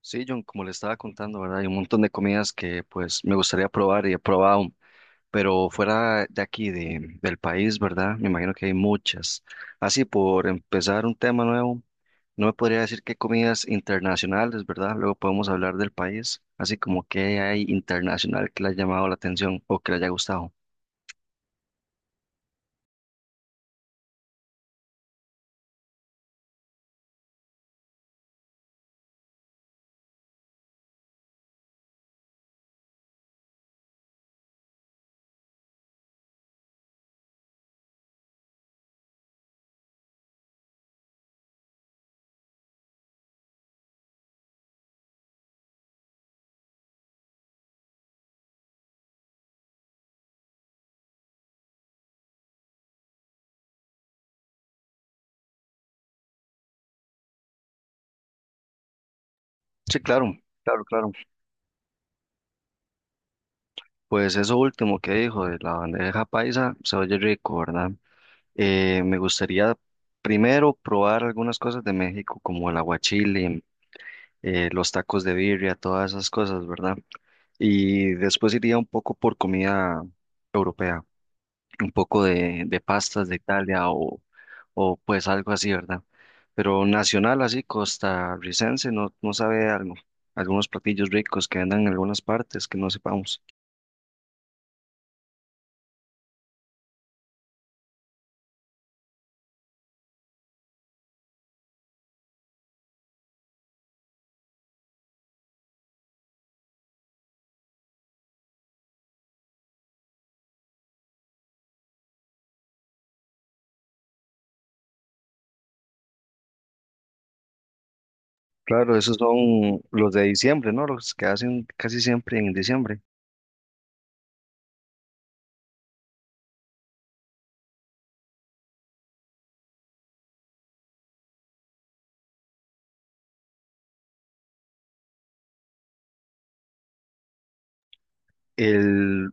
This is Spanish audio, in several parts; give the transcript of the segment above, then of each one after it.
Sí, John, como le estaba contando, ¿verdad? Hay un montón de comidas que pues me gustaría probar y he probado, pero fuera de aquí, del país, ¿verdad? Me imagino que hay muchas. Así, por empezar un tema nuevo, no me podría decir qué comidas internacionales, ¿verdad? Luego podemos hablar del país, así como qué hay internacional que le haya llamado la atención o que le haya gustado. Sí, claro, claro, claro. Pues eso último que dijo de la bandeja paisa, se oye rico, ¿verdad? Me gustaría primero probar algunas cosas de México, como el aguachile, los tacos de birria, todas esas cosas, ¿verdad? Y después iría un poco por comida europea, un poco de pastas de Italia o pues algo así, ¿verdad? Pero nacional, así, costarricense, no sabe algo. Algunos platillos ricos que andan en algunas partes que no sepamos. Claro, esos son los de diciembre, ¿no? Los que hacen casi siempre en diciembre. El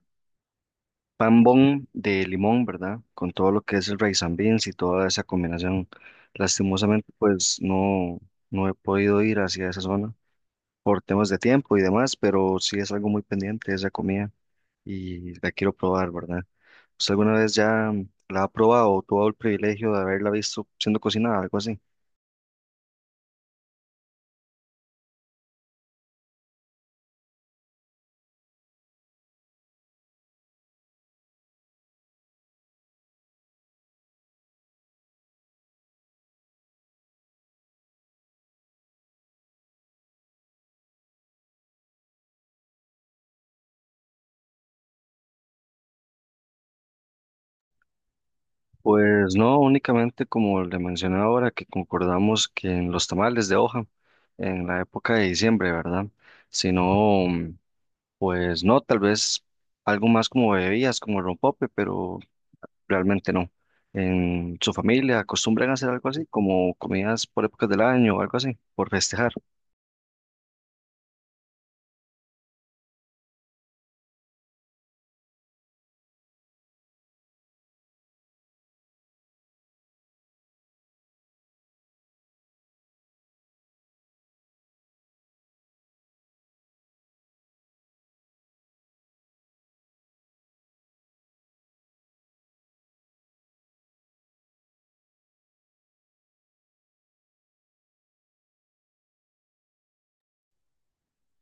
Pan Pambón de limón, ¿verdad? Con todo lo que es el rice and beans y toda esa combinación. Lastimosamente, pues no he podido ir hacia esa zona por temas de tiempo y demás, pero sí es algo muy pendiente esa comida y la quiero probar, ¿verdad? ¿Usted alguna vez ya la ha probado o tuvo el privilegio de haberla visto siendo cocinada, algo así? Pues no, únicamente como le mencioné ahora, que concordamos que en los tamales de hoja, en la época de diciembre, ¿verdad? Sino... Pues no, tal vez algo más como bebidas, como el rompope, pero realmente no. ¿En su familia acostumbran a hacer algo así, como comidas por épocas del año o algo así, por festejar?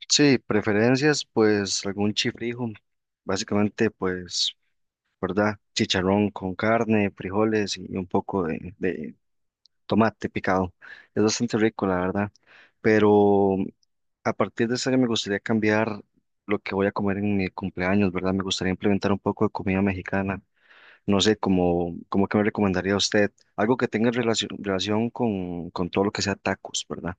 Sí, preferencias, pues algún chifrijo, básicamente, pues, ¿verdad? Chicharrón con carne, frijoles y un poco de tomate picado. Es bastante rico, la verdad, pero a partir de ese año me gustaría cambiar lo que voy a comer en mi cumpleaños, ¿verdad? Me gustaría implementar un poco de comida mexicana. No sé, como que me recomendaría a usted algo que tenga relación, relación con todo lo que sea tacos, ¿verdad?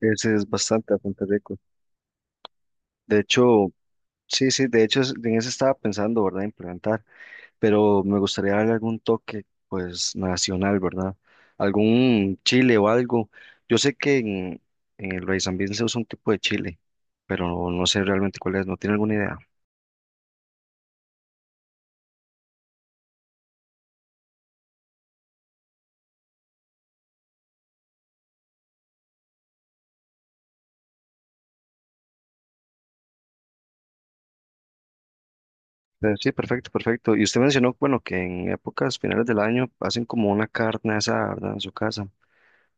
Ese es bastante, bastante rico. De hecho, sí, sí, de hecho en eso estaba pensando, ¿verdad? Implementar. Pero me gustaría darle algún toque, pues, nacional, ¿verdad? Algún chile o algo. Yo sé que en el Rey San se usa un tipo de chile, pero no sé realmente cuál es, no tiene alguna idea. Pero sí, perfecto, perfecto. Y usted mencionó, bueno, que en épocas finales del año hacen como una carne asada, ¿verdad? En su casa.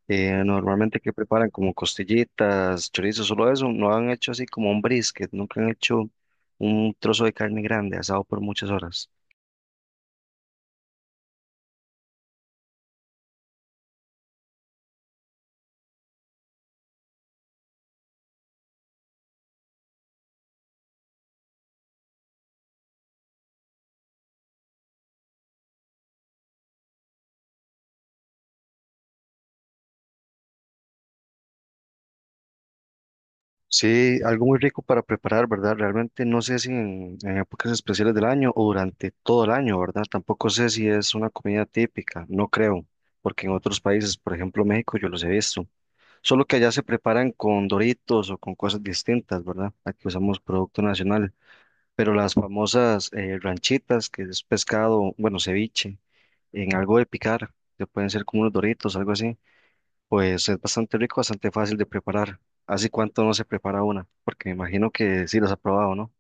Normalmente que preparan como costillitas, chorizos, solo eso. No han hecho así como un brisket, nunca han hecho un trozo de carne grande asado por muchas horas. Sí, algo muy rico para preparar, ¿verdad? Realmente no sé si en épocas especiales del año o durante todo el año, ¿verdad? Tampoco sé si es una comida típica, no creo, porque en otros países, por ejemplo México, yo los he visto. Solo que allá se preparan con doritos o con cosas distintas, ¿verdad? Aquí usamos producto nacional, pero las famosas ranchitas, que es pescado, bueno, ceviche, en algo de picar, que pueden ser como unos doritos, algo así. Pues es bastante rico, bastante fácil de preparar. ¿Hace cuánto no se prepara una? Porque me imagino que sí los ha probado, ¿no?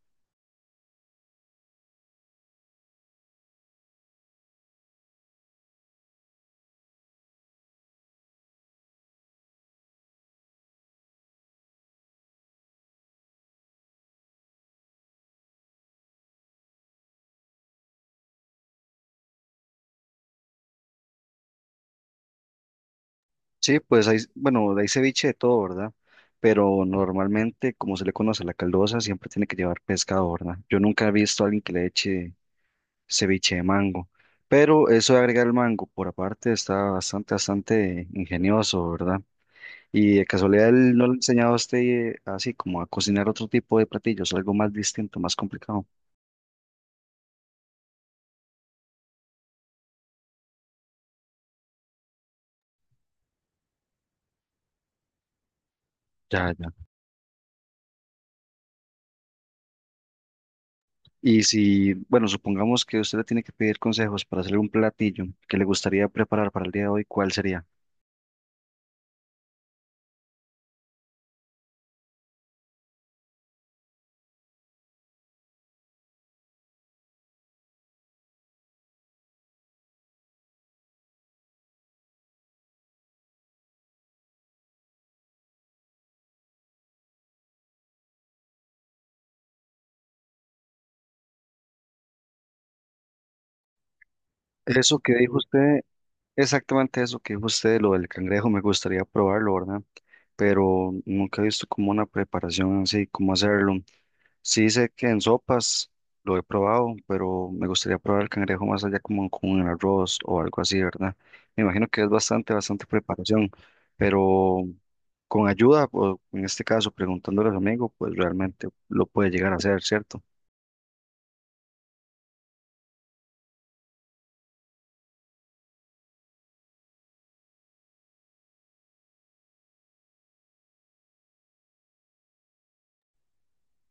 Sí, pues hay, bueno, hay ceviche de todo, ¿verdad? Pero normalmente, como se le conoce a la caldosa, siempre tiene que llevar pescado, ¿verdad? Yo nunca he visto a alguien que le eche ceviche de mango. Pero eso de agregar el mango por aparte está bastante, bastante ingenioso, ¿verdad? Y de casualidad, ¿él no le ha enseñado a usted, así como a cocinar otro tipo de platillos, algo más distinto, más complicado? Ya, ya. Y si, bueno, supongamos que usted le tiene que pedir consejos para hacer un platillo que le gustaría preparar para el día de hoy, ¿cuál sería? Eso que dijo usted, exactamente eso que dijo usted, lo del cangrejo, me gustaría probarlo, ¿verdad? Pero nunca he visto como una preparación así, cómo hacerlo. Sí sé que en sopas lo he probado, pero me gustaría probar el cangrejo más allá como con el arroz o algo así, ¿verdad? Me imagino que es bastante, bastante preparación, pero con ayuda, o en este caso preguntándole a su amigo, pues realmente lo puede llegar a hacer, ¿cierto?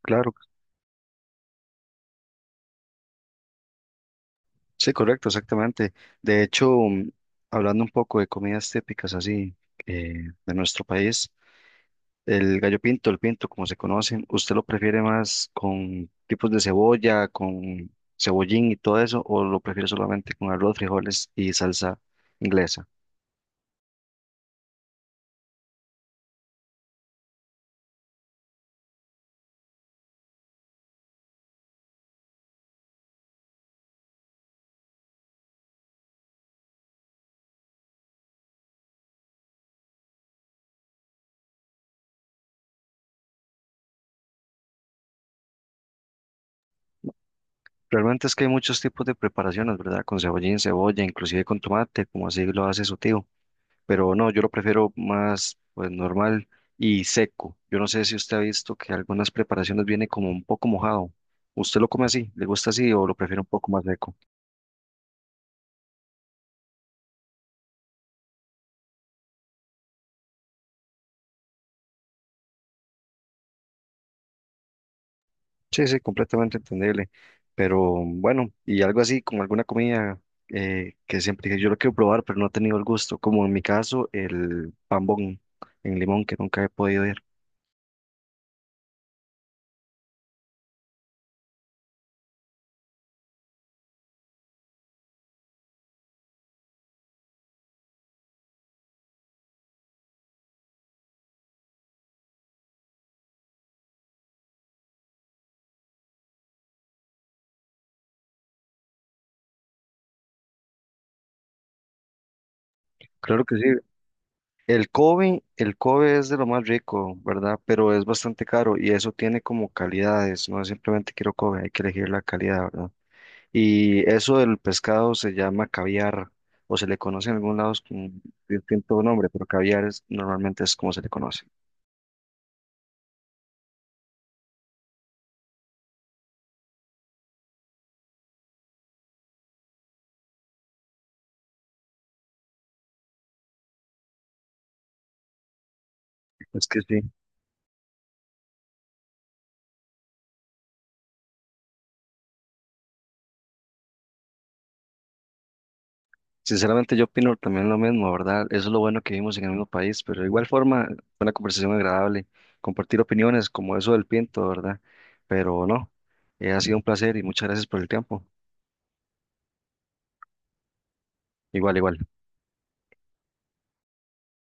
Claro, sí, correcto, exactamente. De hecho, hablando un poco de comidas típicas así, eh, de nuestro país, el gallo pinto, el pinto, como se conocen, ¿usted lo prefiere más con tipos de cebolla, con cebollín y todo eso, o lo prefiere solamente con arroz, frijoles y salsa inglesa? Realmente es que hay muchos tipos de preparaciones, ¿verdad? Con cebollín, cebolla, inclusive con tomate, como así lo hace su tío. Pero no, yo lo prefiero más, pues, normal y seco. Yo no sé si usted ha visto que algunas preparaciones viene como un poco mojado. ¿Usted lo come así? ¿Le gusta así o lo prefiere un poco más seco? Sí, sí, completamente entendible. Pero bueno, y algo así, como alguna comida, que siempre dije, yo lo quiero probar, pero no he tenido el gusto, como en mi caso, el pambón en limón, que nunca he podido ir. Claro que sí. El Kobe es de lo más rico, ¿verdad? Pero es bastante caro y eso tiene como calidades, no es simplemente quiero Kobe, hay que elegir la calidad, ¿verdad? Y eso del pescado se llama caviar, o se le conoce en algunos lados con distinto nombre, pero caviar es, normalmente es como se le conoce. Es que sí. Sinceramente yo opino también lo mismo, ¿verdad? Eso es lo bueno que vivimos en el mismo país, pero de igual forma fue una conversación agradable, compartir opiniones como eso del Pinto, ¿verdad? Pero no, ha sido un placer y muchas gracias por el tiempo. Igual, igual.